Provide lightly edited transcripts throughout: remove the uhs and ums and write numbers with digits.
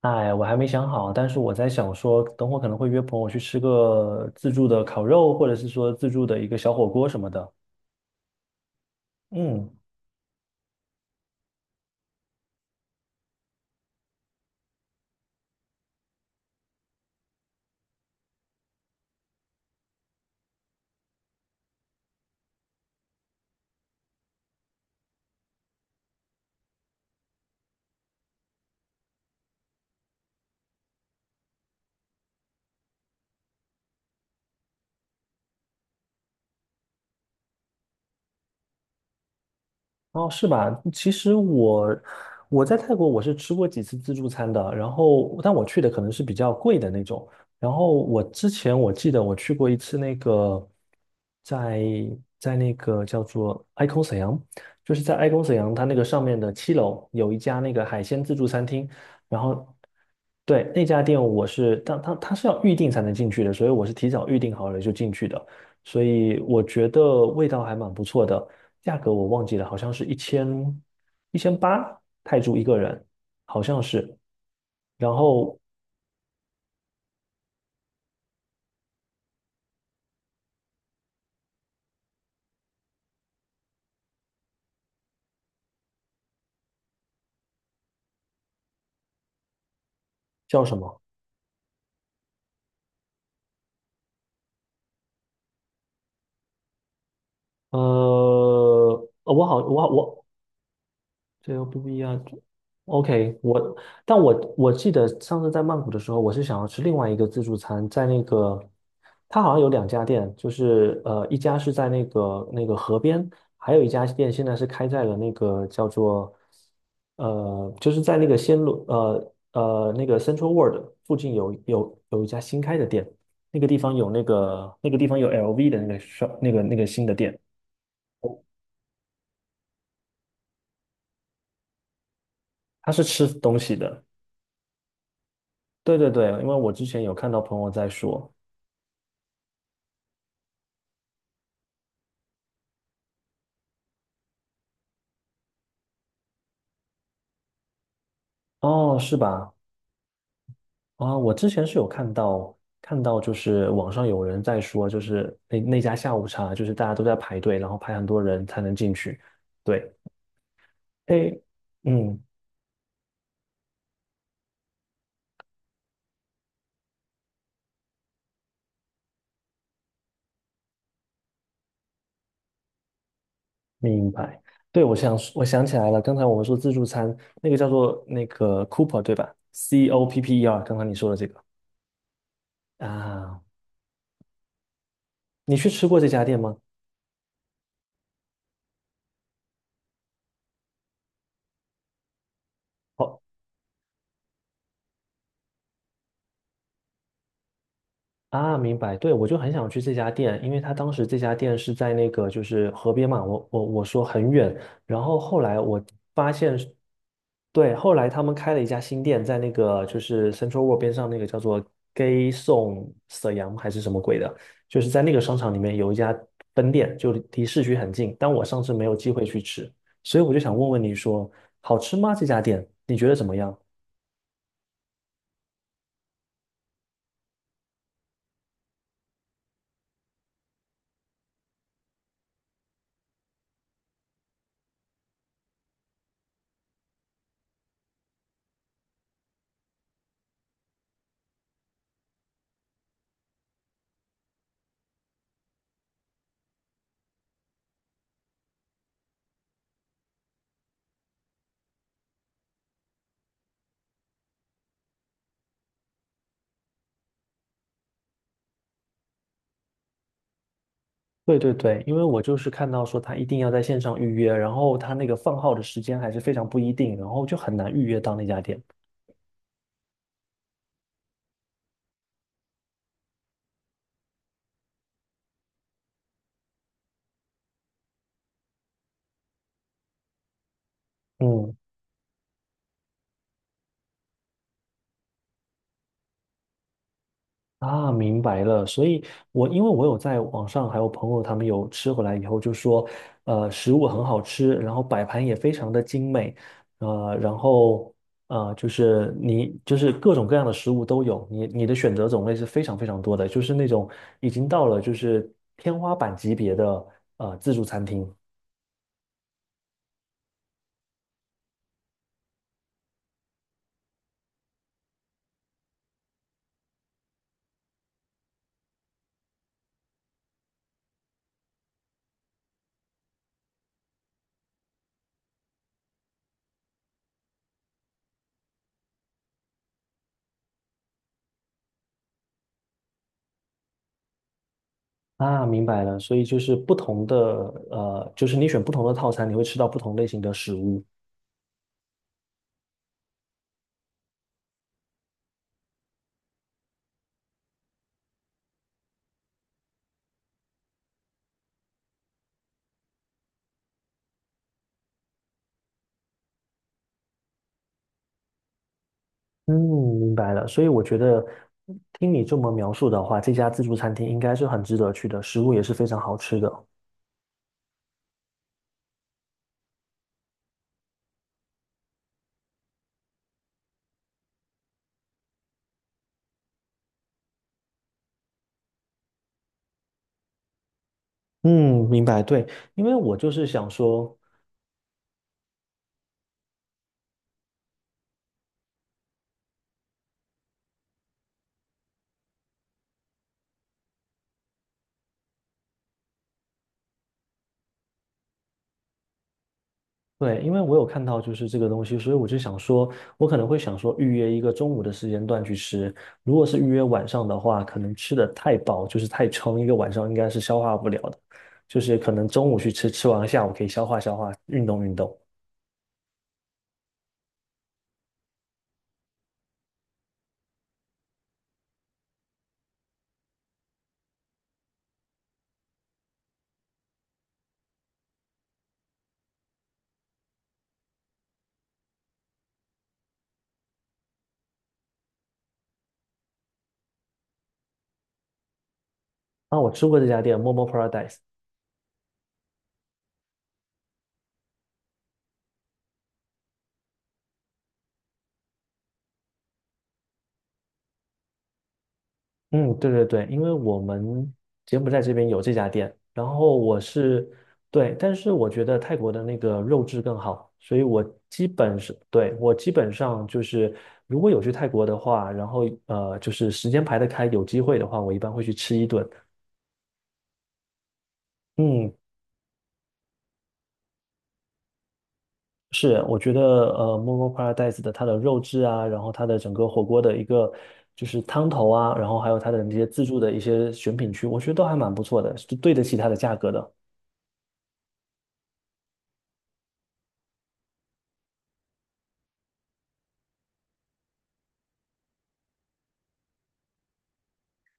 哎，我还没想好，但是我在想说，等会儿可能会约朋友去吃个自助的烤肉，或者是说自助的一个小火锅什么的。嗯。哦，是吧？其实我在泰国，我是吃过几次自助餐的，然后但我去的可能是比较贵的那种。然后我之前我记得我去过一次那个在在那个叫做 Icon 沈阳，就是在 Icon 沈阳它那个上面的七楼有一家那个海鲜自助餐厅，然后对那家店我是当它是要预定才能进去的，所以我是提早预定好了就进去的，所以我觉得味道还蛮不错的。价格我忘记了，好像是一千八泰铢一个人，好像是。然后叫什么？呃，呃我好，我好，我这又不一样。OK，但我记得上次在曼谷的时候，我是想要吃另外一个自助餐，在那个它好像有两家店，就是一家是在那个河边，还有一家店现在是开在了那个叫做就是在那个暹罗那个 Central World 附近有一家新开的店，那个地方有那个那个地方有 LV 的那个 shop 那个新的店，它是吃东西的，对对对，因为我之前有看到朋友在说，哦，是吧？啊、我之前是有看到看到，就是网上有人在说，就是那家下午茶，就是大家都在排队，然后排很多人才能进去。对，诶，嗯，明白。对，我想起来了，刚才我们说自助餐，那个叫做那个 Cooper 对吧？COPPER，刚刚你说的这个啊，你去吃过这家店吗？哦。啊，明白。对，我就很想去这家店，因为他当时这家店是在那个就是河边嘛，我说很远，然后后来我发现是对，后来他们开了一家新店，在那个就是 Central World 边上那个叫做 Gay Song 沈阳还是什么鬼的，就是在那个商场里面有一家分店，就离市区很近，但我上次没有机会去吃，所以我就想问问你说，好吃吗？这家店你觉得怎么样？对对对，因为我就是看到说他一定要在线上预约，然后他那个放号的时间还是非常不一定，然后就很难预约到那家店。嗯，啊，明白了。所以我因为我有在网上还有朋友他们有吃回来以后就说，食物很好吃，然后摆盘也非常的精美，然后就是你就是各种各样的食物都有，你的选择种类是非常非常多的，就是那种已经到了就是天花板级别的自助餐厅。啊，明白了，所以就是不同的，就是你选不同的套餐，你会吃到不同类型的食物。嗯，明白了。所以我觉得听你这么描述的话，这家自助餐厅应该是很值得去的，食物也是非常好吃的。嗯，明白，对，因为我就是想说，对，因为我有看到就是这个东西，所以我就想说，我可能会想说预约一个中午的时间段去吃。如果是预约晚上的话，可能吃的太饱，就是太撑，一个晚上应该是消化不了的。就是可能中午去吃，吃完下午可以消化消化，运动运动。那我吃过这家店，Momo Paradise，嗯，对对对，因为我们柬埔寨这边有这家店，然后我是对，但是我觉得泰国的那个肉质更好，所以我基本是对，我基本上就是，如果有去泰国的话，然后就是时间排得开，有机会的话，我一般会去吃一顿。嗯，是，我觉得Momo Paradise 的它的肉质啊，然后它的整个火锅的一个就是汤头啊，然后还有它的那些自助的一些选品区，我觉得都还蛮不错的，是对得起它的价格的。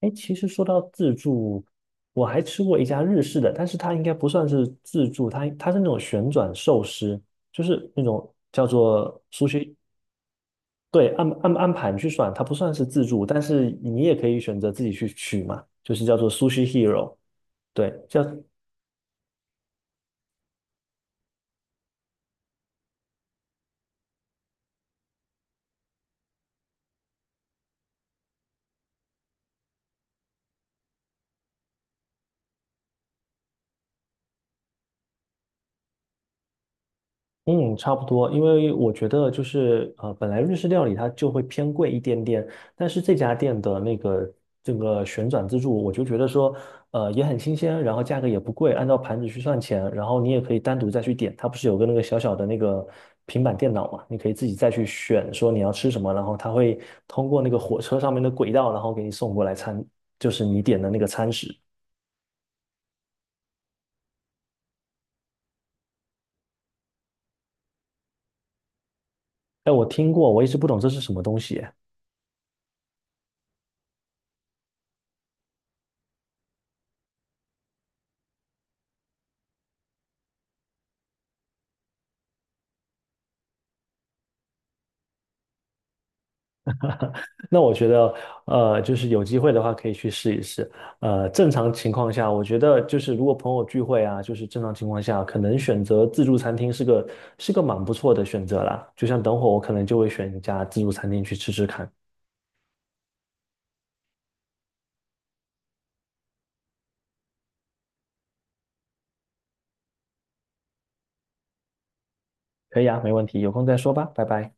哎，其实说到自助，我还吃过一家日式的，但是它应该不算是自助，它是那种旋转寿司，就是那种叫做苏西，对，按盘去算，它不算是自助，但是你也可以选择自己去取嘛，就是叫做 Sushi Hero，对，嗯，差不多，因为我觉得就是本来日式料理它就会偏贵一点点，但是这家店的那个这个旋转自助，我就觉得说，也很新鲜，然后价格也不贵，按照盘子去算钱，然后你也可以单独再去点，它不是有个那个小小的那个平板电脑嘛，你可以自己再去选说你要吃什么，然后它会通过那个火车上面的轨道，然后给你送过来餐，就是你点的那个餐食。哎，我听过，我一直不懂这是什么东西。那我觉得，就是有机会的话可以去试一试。正常情况下，我觉得就是如果朋友聚会啊，就是正常情况下，可能选择自助餐厅是个蛮不错的选择啦。就像等会我可能就会选一家自助餐厅去吃吃看。可以啊，没问题，有空再说吧，拜拜。